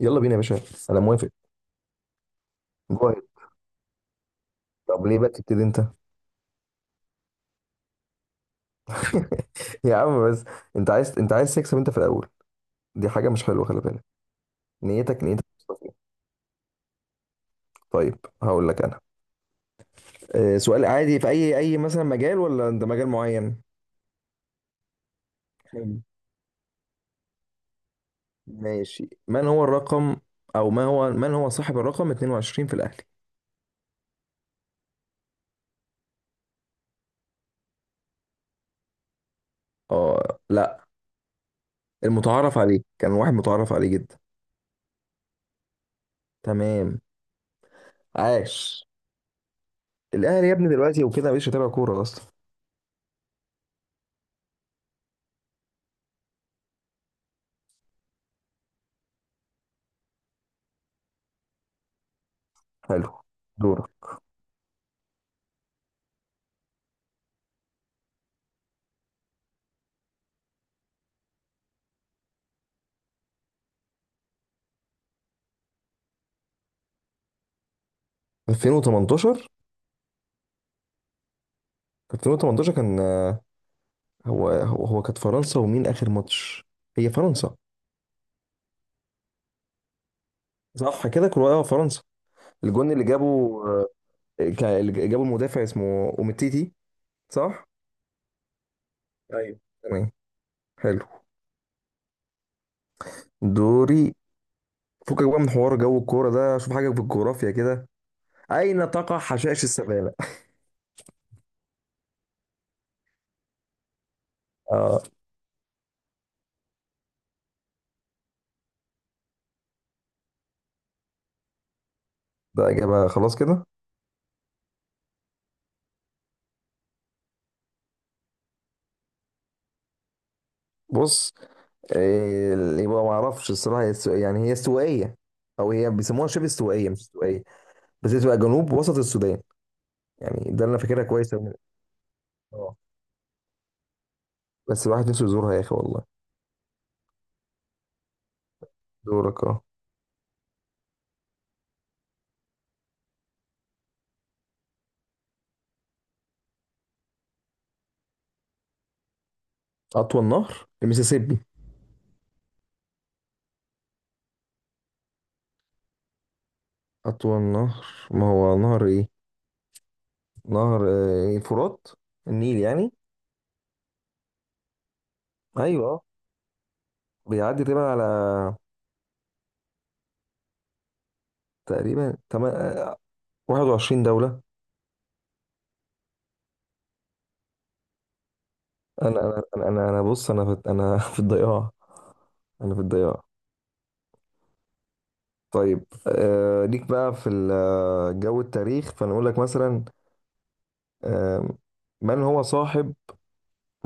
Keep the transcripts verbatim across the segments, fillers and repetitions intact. يلا بينا يا باشا. انا موافق. جوه. طب ليه بقى تبتدي انت؟ يا عم بس. انت عايز انت عايز تكسب انت في الاول. دي حاجه مش حلوه، خلي بالك. نيتك نيتك مش صافية. طيب هقول لك انا، آه، سؤال عادي في اي اي مثلا مجال، ولا انت مجال معين؟ حلو. ماشي، من هو الرقم او ما هو من هو صاحب الرقم اتنين وعشرين في الاهلي؟ اه، لا. المتعارف عليه، كان واحد متعارف عليه جدا. تمام. عاش. الاهلي يا ابني دلوقتي وكده، مش متابع كوره اصلا. حلو. دورك. ألفين وثمانية عشر؟ كانت ألفين وتمنتاشر، كان آه، هو هو هو كانت فرنسا، ومين آخر ماتش؟ هي فرنسا. صح كده، كرواتيا فرنسا. الجون اللي جابه، آه، كا- اللي جابه المدافع اسمه أوميتيتي. صح. ايوه تمام. حلو. دوري. فكك بقى من حوار جو الكورة ده، شوف حاجة في الجغرافيا كده. أين تقع حشائش السبانة؟ اه، ده إجابة خلاص كده. بص. إيه؟ يبقى ما اعرفش الصراحة، هي استو- يعني هي استوائية، أو هي بيسموها شبه استوائية مش استوائية. بس هي تبقى جنوب وسط السودان، يعني ده اللي انا فاكرها كويس أوي. اه. بس الواحد نفسه يزورها يا اخي والله. دورك، اه. اطول نهر المسيسيبي. اطول نهر، ما هو نهر ايه؟ نهر آه، الفرات. النيل يعني. ايوه. آه. بيعدي تقريبا على، تقريبا تما- آه، واحد وعشرين دولة. انا انا انا انا أنا بص، انا في انا في الضياع. انا في الضياع. طيب، آه ليك بقى في ال- آه، جو التاريخ، فانا اقول لك مثلا. آه من هو صاحب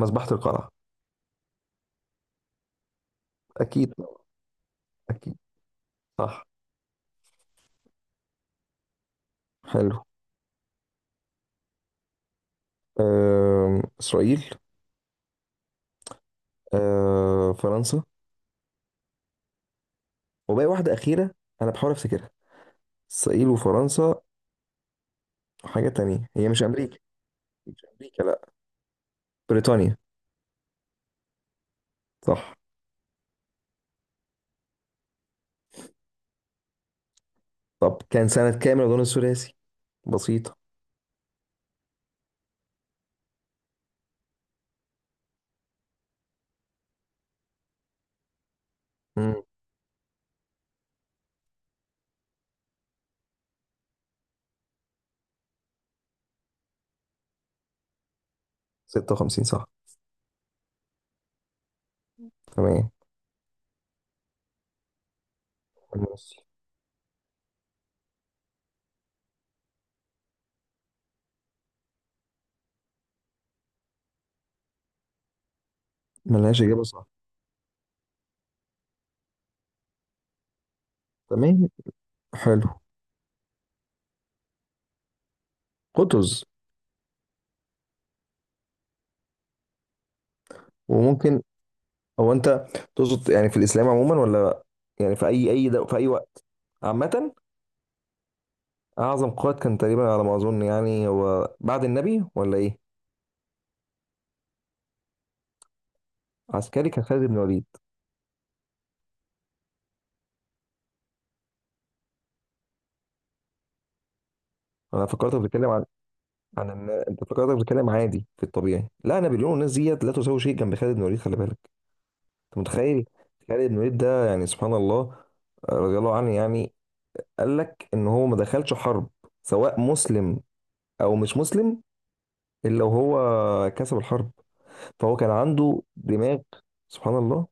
مذبحة القلعة؟ اكيد. اكيد. صح. حلو. آه، إسرائيل. آه، فرنسا. وباقي واحدة أخيرة، أنا بحاول أفتكرها. إسرائيل وفرنسا، وحاجة تانية هي مش أمريكا. مش أمريكا لأ. بريطانيا. صح. طب كان سنة كام الغزو الثلاثي؟ بسيطة. مم. ست وخمسين صح. تمام. ماشي. ملهاش إجابة صح. تمام. حلو. قطز. وممكن. هو أنت تقصد يعني في الإسلام عموما، ولا يعني في أي أي دو في أي وقت؟ عامة. أعظم قائد كان تقريبا على ما أظن، يعني هو بعد النبي، ولا إيه؟ عسكري، كان خالد بن الوليد. انا فكرتك بتتكلم عن، عن الن- انت فكرتك بتتكلم عادي في الطبيعي، لا نابليون والناس ديت لا تساوي شيء جنب خالد بن الوليد، خلي بالك. انت متخيل، خالد بن الوليد ده، يعني سبحان الله، آه، رضي الله عنه يعني. قال لك ان هو ما دخلش حرب، سواء مسلم، او مش مسلم، الا وهو كسب الحرب. فهو كان عنده دماغ، سبحان الله.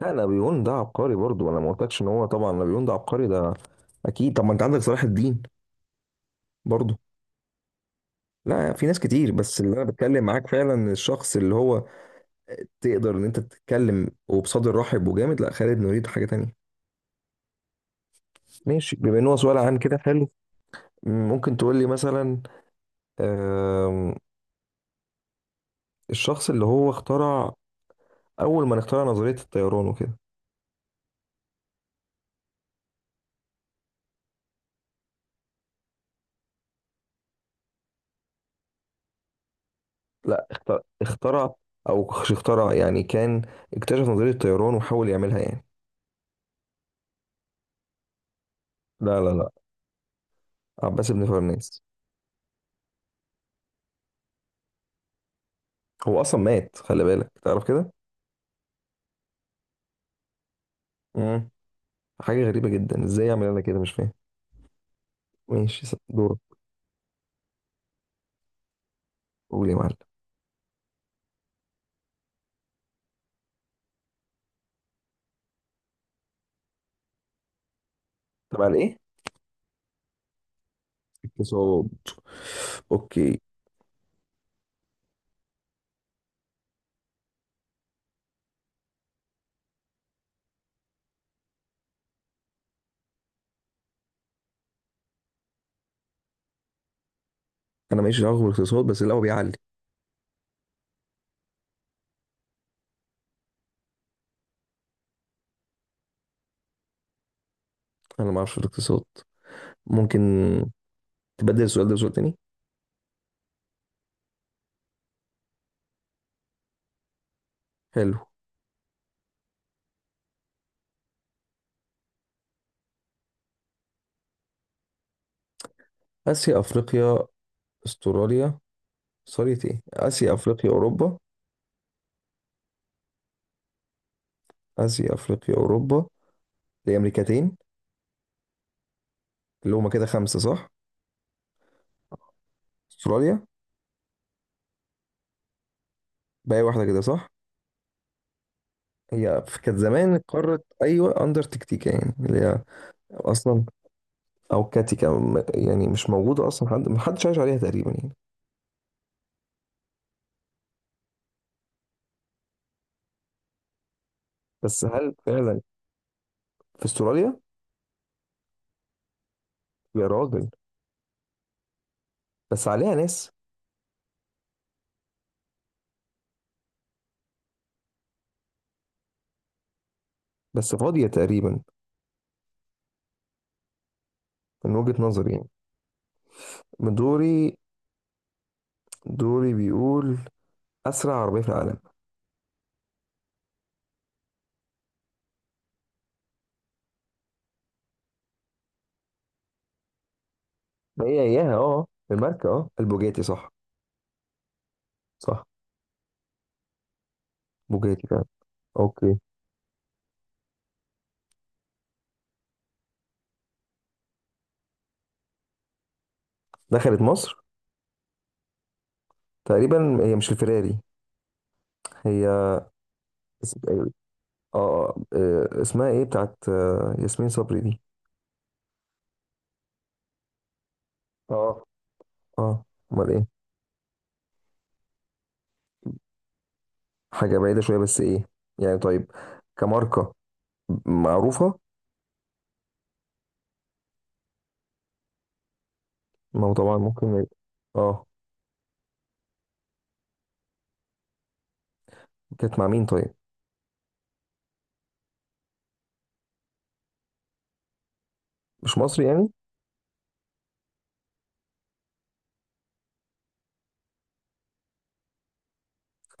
لا، نابليون ده عبقري برضه، انا ما قلتلكش ان هو، طبعا نابليون ده عبقري ده، اكيد. طب ما انت عندك صلاح الدين برضه. لا، في ناس كتير، بس اللي انا بتكلم معاك فعلا الشخص اللي هو، تقدر ان انت تتكلم وبصدر رحب وجامد، لا خالد، نريد حاجه تانية. ماشي، بما ان هو سؤال عن كده. حلو. ممكن تقول لي مثلا، آم، الشخص اللي هو اخترع، اول ما اخترع نظريه الطيران وكده. لا، اخترع, اخترع، او مش اخترع يعني، كان اكتشف نظريه الطيران وحاول يعملها يعني. لا لا لا. عباس بن فرناس. هو اصلا مات، خلي بالك تعرف كده. امم حاجه غريبه جدا، ازاي يعمل، انا كده مش فاهم. ماشي. دورك. قول يا معلم. تبع الايه؟ اقتصاد. اوكي. انا ماليش دعوه بالاقتصاد، بس اللي هو بيعلي. انا ما اعرفش في الاقتصاد. ممكن تبدل السؤال ده بسؤال تاني. حلو. اسيا، افريقيا، استراليا. سوري، ايه، اسيا، افريقيا، اوروبا. اسيا، افريقيا، اوروبا. دي امريكتين. اللي هما كده خمسه، صح. استراليا. باقي واحده كده، صح. هي في- كانت زمان قارة، أيوة، أندرتكتيكا، يعني اللي هي أصلا، أو كاتيكا، م- يعني مش موجودة أصلا، حد محدش عايش عليها تقريبا يعني. بس هل فعلا في استراليا؟ يا راجل. بس عليها ناس. بس فاضية تقريبا. من وجهة نظري يعني. من دوري. دوري بيقول، أسرع عربية في العالم؟ ما هي إياها، أه. الماركة، أه، البوجاتي صح. صح. بوجاتي فعلا. أوكي. دخلت مصر؟ تقريبا هي مش الفيراري؟ هي اسم- أيوة. اه، آه، آه، اسمها ايه بتاعت آه، ياسمين صبري دي؟ اه، اه، امال ايه؟ حاجة بعيدة شوية، بس ايه؟ يعني طيب. كماركة معروفة. ما هو طبعا ممكن. اه. كانت مع مين طيب؟ مش مصري يعني؟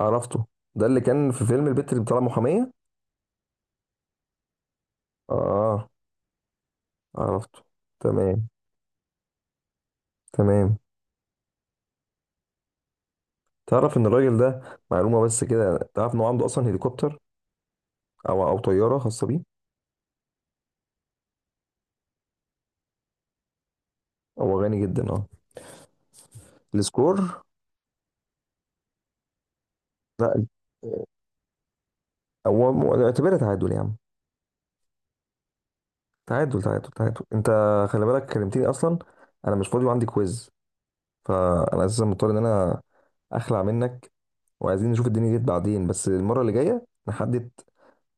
عرفته. ده اللي كان في فيلم البت اللي بتطلع محامية. اه، عرفته. تمام. تمام. تعرف ان الراجل ده، معلومة بس كده، تعرف ان هو عنده اصلا هليكوبتر، او او طيارة خاصة بيه. هو غني جدا، اه. السكور؟ لا. هو م- اعتبرها تعادل يا عم. تعادل، تعادل، تعادل. انت خلي بالك كلمتني اصلا، انا مش فاضي وعندي كويز، فانا اساسا مضطر ان انا اخلع منك، وعايزين نشوف الدنيا ديت بعدين، بس المرة اللي جاية نحدد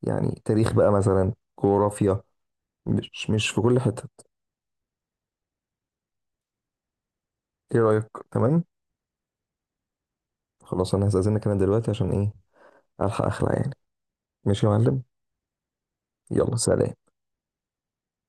يعني، تاريخ بقى مثلا، جغرافيا، مش مش في كل حتة. ايه رأيك؟ تمام. خلاص انا هستأذنك انا دلوقتي عشان ايه، الحق اخلع يعني. ماشي يا معلم. يلا، سلام.